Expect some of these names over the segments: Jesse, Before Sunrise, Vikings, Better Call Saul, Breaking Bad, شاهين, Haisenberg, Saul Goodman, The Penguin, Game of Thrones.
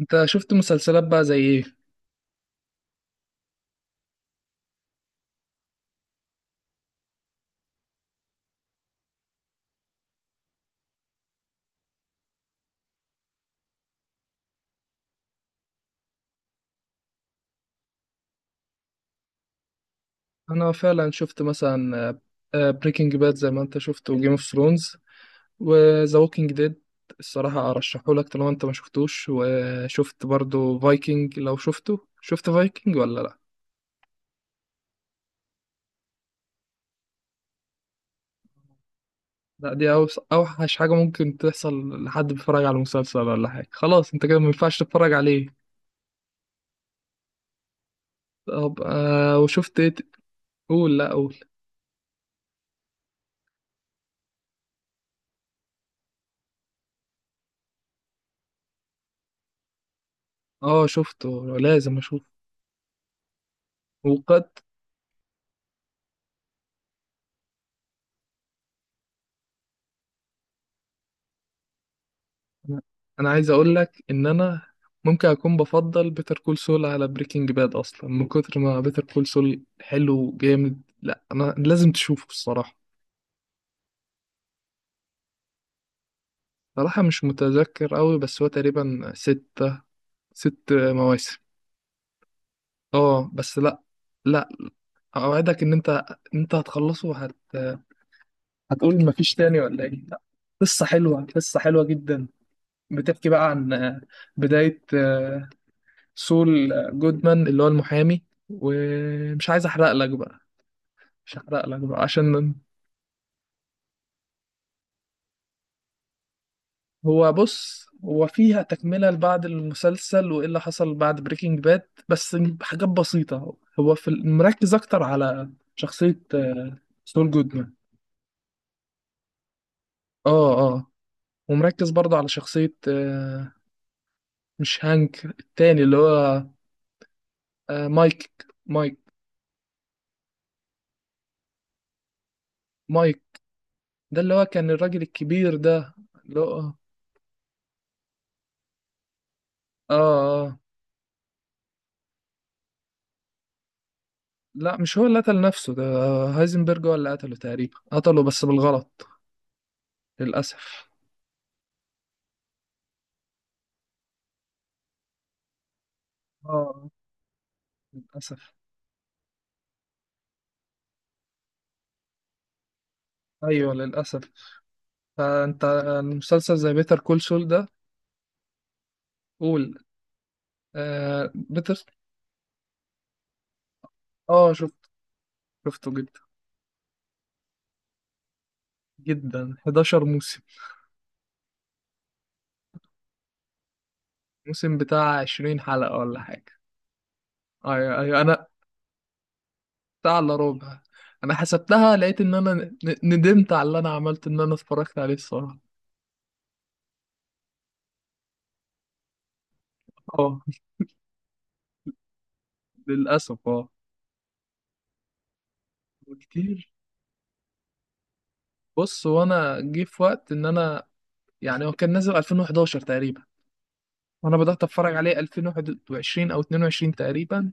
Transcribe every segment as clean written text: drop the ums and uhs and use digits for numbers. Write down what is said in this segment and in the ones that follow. انت شفت مسلسلات بقى زي ايه؟ انا فعلا شفت مثلا بريكنج باد زي ما انت شفت، وجيم اوف ثرونز، وذا ووكينج ديد. الصراحة ارشحه لك طالما انت ما شفتوش. وشفت برضو فايكنج؟ لو شفته، شفت فايكنج ولا لا؟ لا، دي اوحش حاجة ممكن تحصل لحد بيتفرج على مسلسل ولا حاجة. خلاص انت كده ما ينفعش تتفرج عليه. طب وشفت ايه قول؟ لا قول. اه شفته، لازم اشوفه. وقد انا، أنا عايز اقول لك ان انا ممكن اكون بفضل بيتر كول سول على بريكنج باد اصلا من كتر ما بيتر كول سول حلو جامد. لا انا لازم تشوفه الصراحه. صراحه مش متذكر قوي، بس هو تقريبا ستة، ست مواسم. اه بس لا. لا، اوعدك ان انت، انت هتخلصه هتقول مفيش تاني ولا ايه. لا، قصه حلوه، قصه حلوه جدا. بتحكي بقى عن بدايه سول جودمان اللي هو المحامي. ومش عايز احرق لك بقى، مش هحرق لك بقى عشان هو بص، هو فيها تكملة لبعض المسلسل وايه اللي حصل بعد بريكنج باد، بس حاجات بسيطة. هو في مركز اكتر على شخصية سول جودمان. اه اه. ومركز برضه على شخصية مش هانك التاني اللي هو مايك، مايك ده اللي هو كان الراجل الكبير ده. اللي هو اه. اه لا، مش هو اللي قتل نفسه ده، هايزنبرج هو اللي قتله، تقريبا قتله بس بالغلط، للأسف. اه للأسف. أيوه للأسف. فأنت المسلسل زي بيتر كول سول ده. قول. آه بيتر. اه شفت، شفته جدا. جدا، 11 موسم. موسم بتاع 20 حلقة ولا حاجة. أيوه أيوه. أنا بتاع إلا ربع. أنا حسبتها، لقيت إن أنا ندمت على اللي أنا عملته إن أنا اتفرجت عليه الصراحة. اه للأسف اه. وكتير، بص وانا جه في وقت ان انا، يعني هو كان نازل 2011 تقريبا، وانا بدات اتفرج عليه 2021 او 22 تقريبا.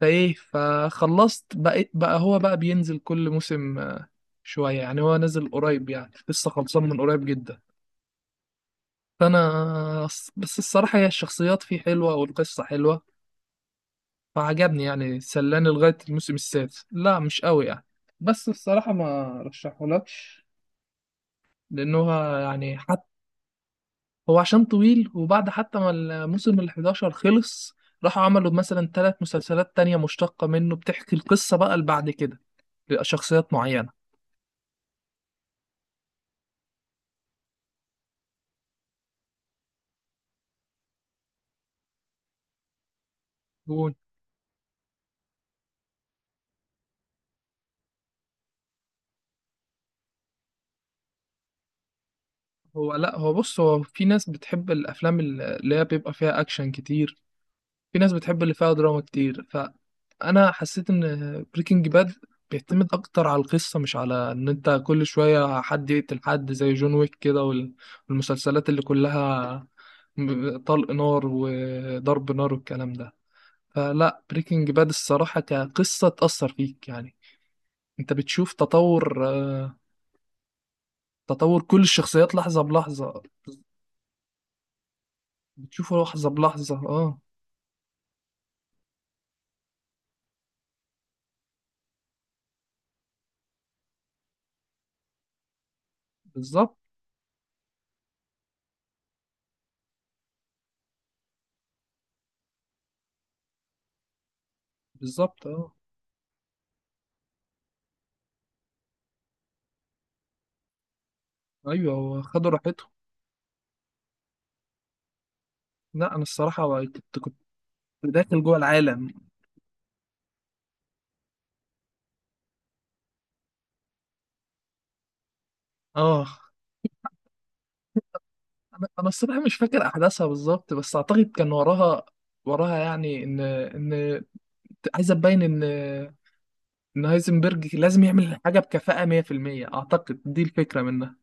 فايه، فخلصت بقيت بقى هو بقى بينزل كل موسم شويه. يعني هو نازل قريب، يعني لسه خلصان من قريب جدا. فانا بس الصراحه هي الشخصيات فيه حلوه والقصه حلوه، فعجبني. يعني سلاني لغايه الموسم السادس، لا مش قوي يعني. بس الصراحه ما رشحهولكش لانه يعني هو عشان طويل، وبعد حتى ما الموسم ال 11 خلص، راحوا عملوا مثلا ثلاث مسلسلات تانية مشتقة منه بتحكي القصة بقى اللي بعد كده لشخصيات معينة. هو هو لا هو بص، هو في ناس بتحب الأفلام اللي هي بيبقى فيها أكشن كتير، في ناس بتحب اللي فيها دراما كتير. فانا حسيت ان بريكنج باد بيعتمد اكتر على القصه، مش على ان انت كل شويه حد يقتل حد زي جون ويك كده، والمسلسلات اللي كلها طلق نار وضرب نار والكلام ده. فلا، بريكنج باد الصراحه كقصه تاثر فيك يعني. انت بتشوف تطور تطور كل الشخصيات لحظه بلحظه، بتشوفه لحظه بلحظه اه. بالظبط بالظبط اه. ايوه هو خدوا راحتهم. لا انا الصراحه كنت داخل جوه العالم. اه، انا الصراحه مش فاكر احداثها بالظبط، بس اعتقد كان وراها، وراها يعني ان ان عايزه تبين ان ان هايزنبرج لازم يعمل حاجه بكفاءه 100%. اعتقد دي الفكره منها.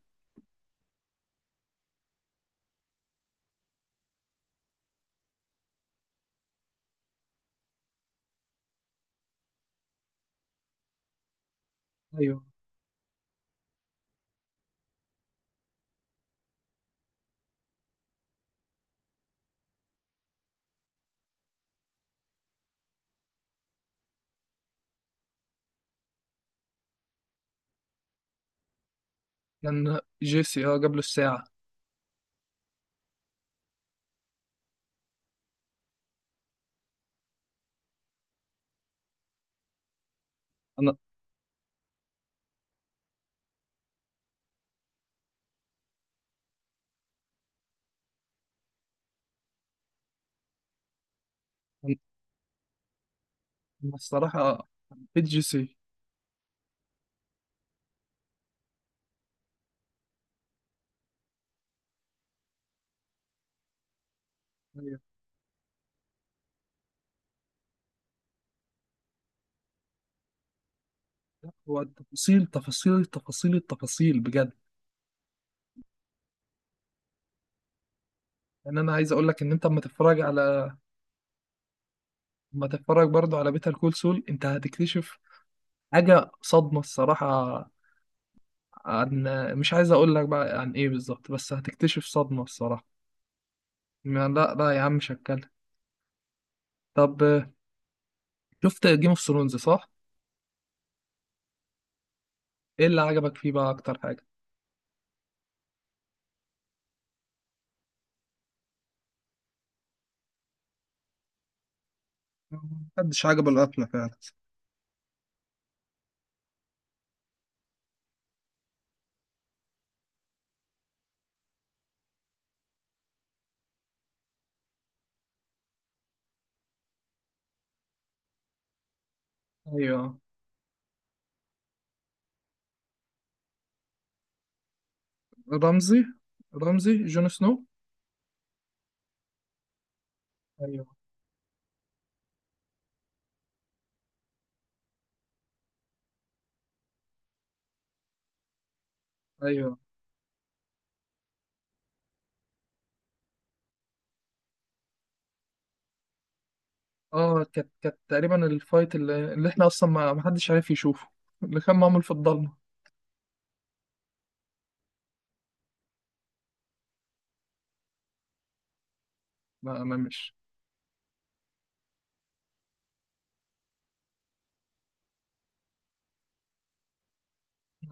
ايوه كان جيسي، اه جاب له الساعه. انا انا أنا الصراحه حبيت جيسي. أيوة. هو التفاصيل، تفاصيل التفاصيل التفاصيل بجد. يعني انا عايز اقول لك ان انت اما تتفرج على، اما تتفرج برضو على بيتر كول سول انت هتكتشف حاجة صدمة الصراحة. عن، مش عايز اقول لك بقى عن ايه بالظبط، بس هتكتشف صدمة الصراحة. ما لا لا يا عم مش هتكلم. طب شفت جيم اوف ثرونز صح؟ ايه اللي عجبك فيه بقى اكتر حاجة؟ محدش عجبه القفلة فعلا. ايوه. رمزي، رمزي جون سنو. ايوه ايوه. اه كانت، تقريبا الفايت اللي، اللي احنا اصلا ما حدش عارف يشوفه، اللي كان معمول في الضلمة. لا انا مش،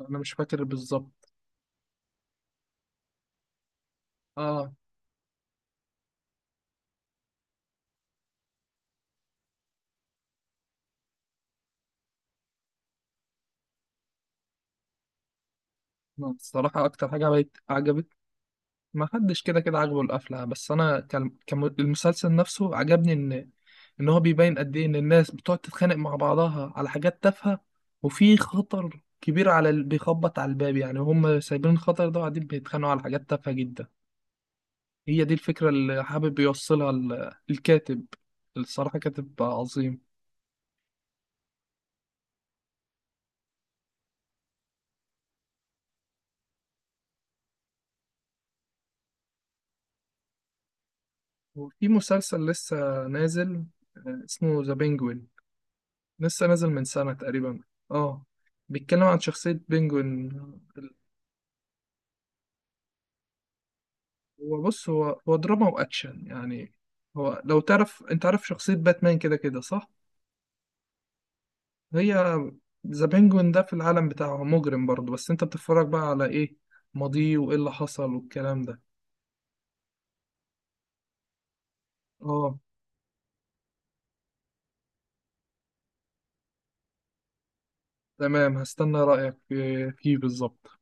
انا مش فاكر بالظبط. اه. لا، الصراحة اكتر حاجة عجبتني، ما حدش كده كده عاجبه القفله، بس انا كان المسلسل نفسه عجبني ان ان هو بيبين قد ايه ان الناس بتقعد تتخانق مع بعضها على حاجات تافهه، وفي خطر كبير على اللي بيخبط على الباب، يعني هم سايبين الخطر ده وقاعدين بيتخانقوا على حاجات تافهه جدا. هي دي الفكره اللي حابب يوصلها الكاتب. الصراحه كاتب عظيم. وفي مسلسل لسه نازل اسمه ذا بينجوين، لسه نازل من سنه تقريبا. اه بيتكلم عن شخصية بينجوين. هو بص، هو دراما واكشن يعني. هو لو تعرف، انت عارف شخصية باتمان كده كده صح. هي ذا بينجوين ده في العالم بتاعه مجرم برضه، بس انت بتتفرج بقى على ايه، ماضيه وايه اللي حصل والكلام ده. اه تمام، هستنى رأيك فيه بالظبط.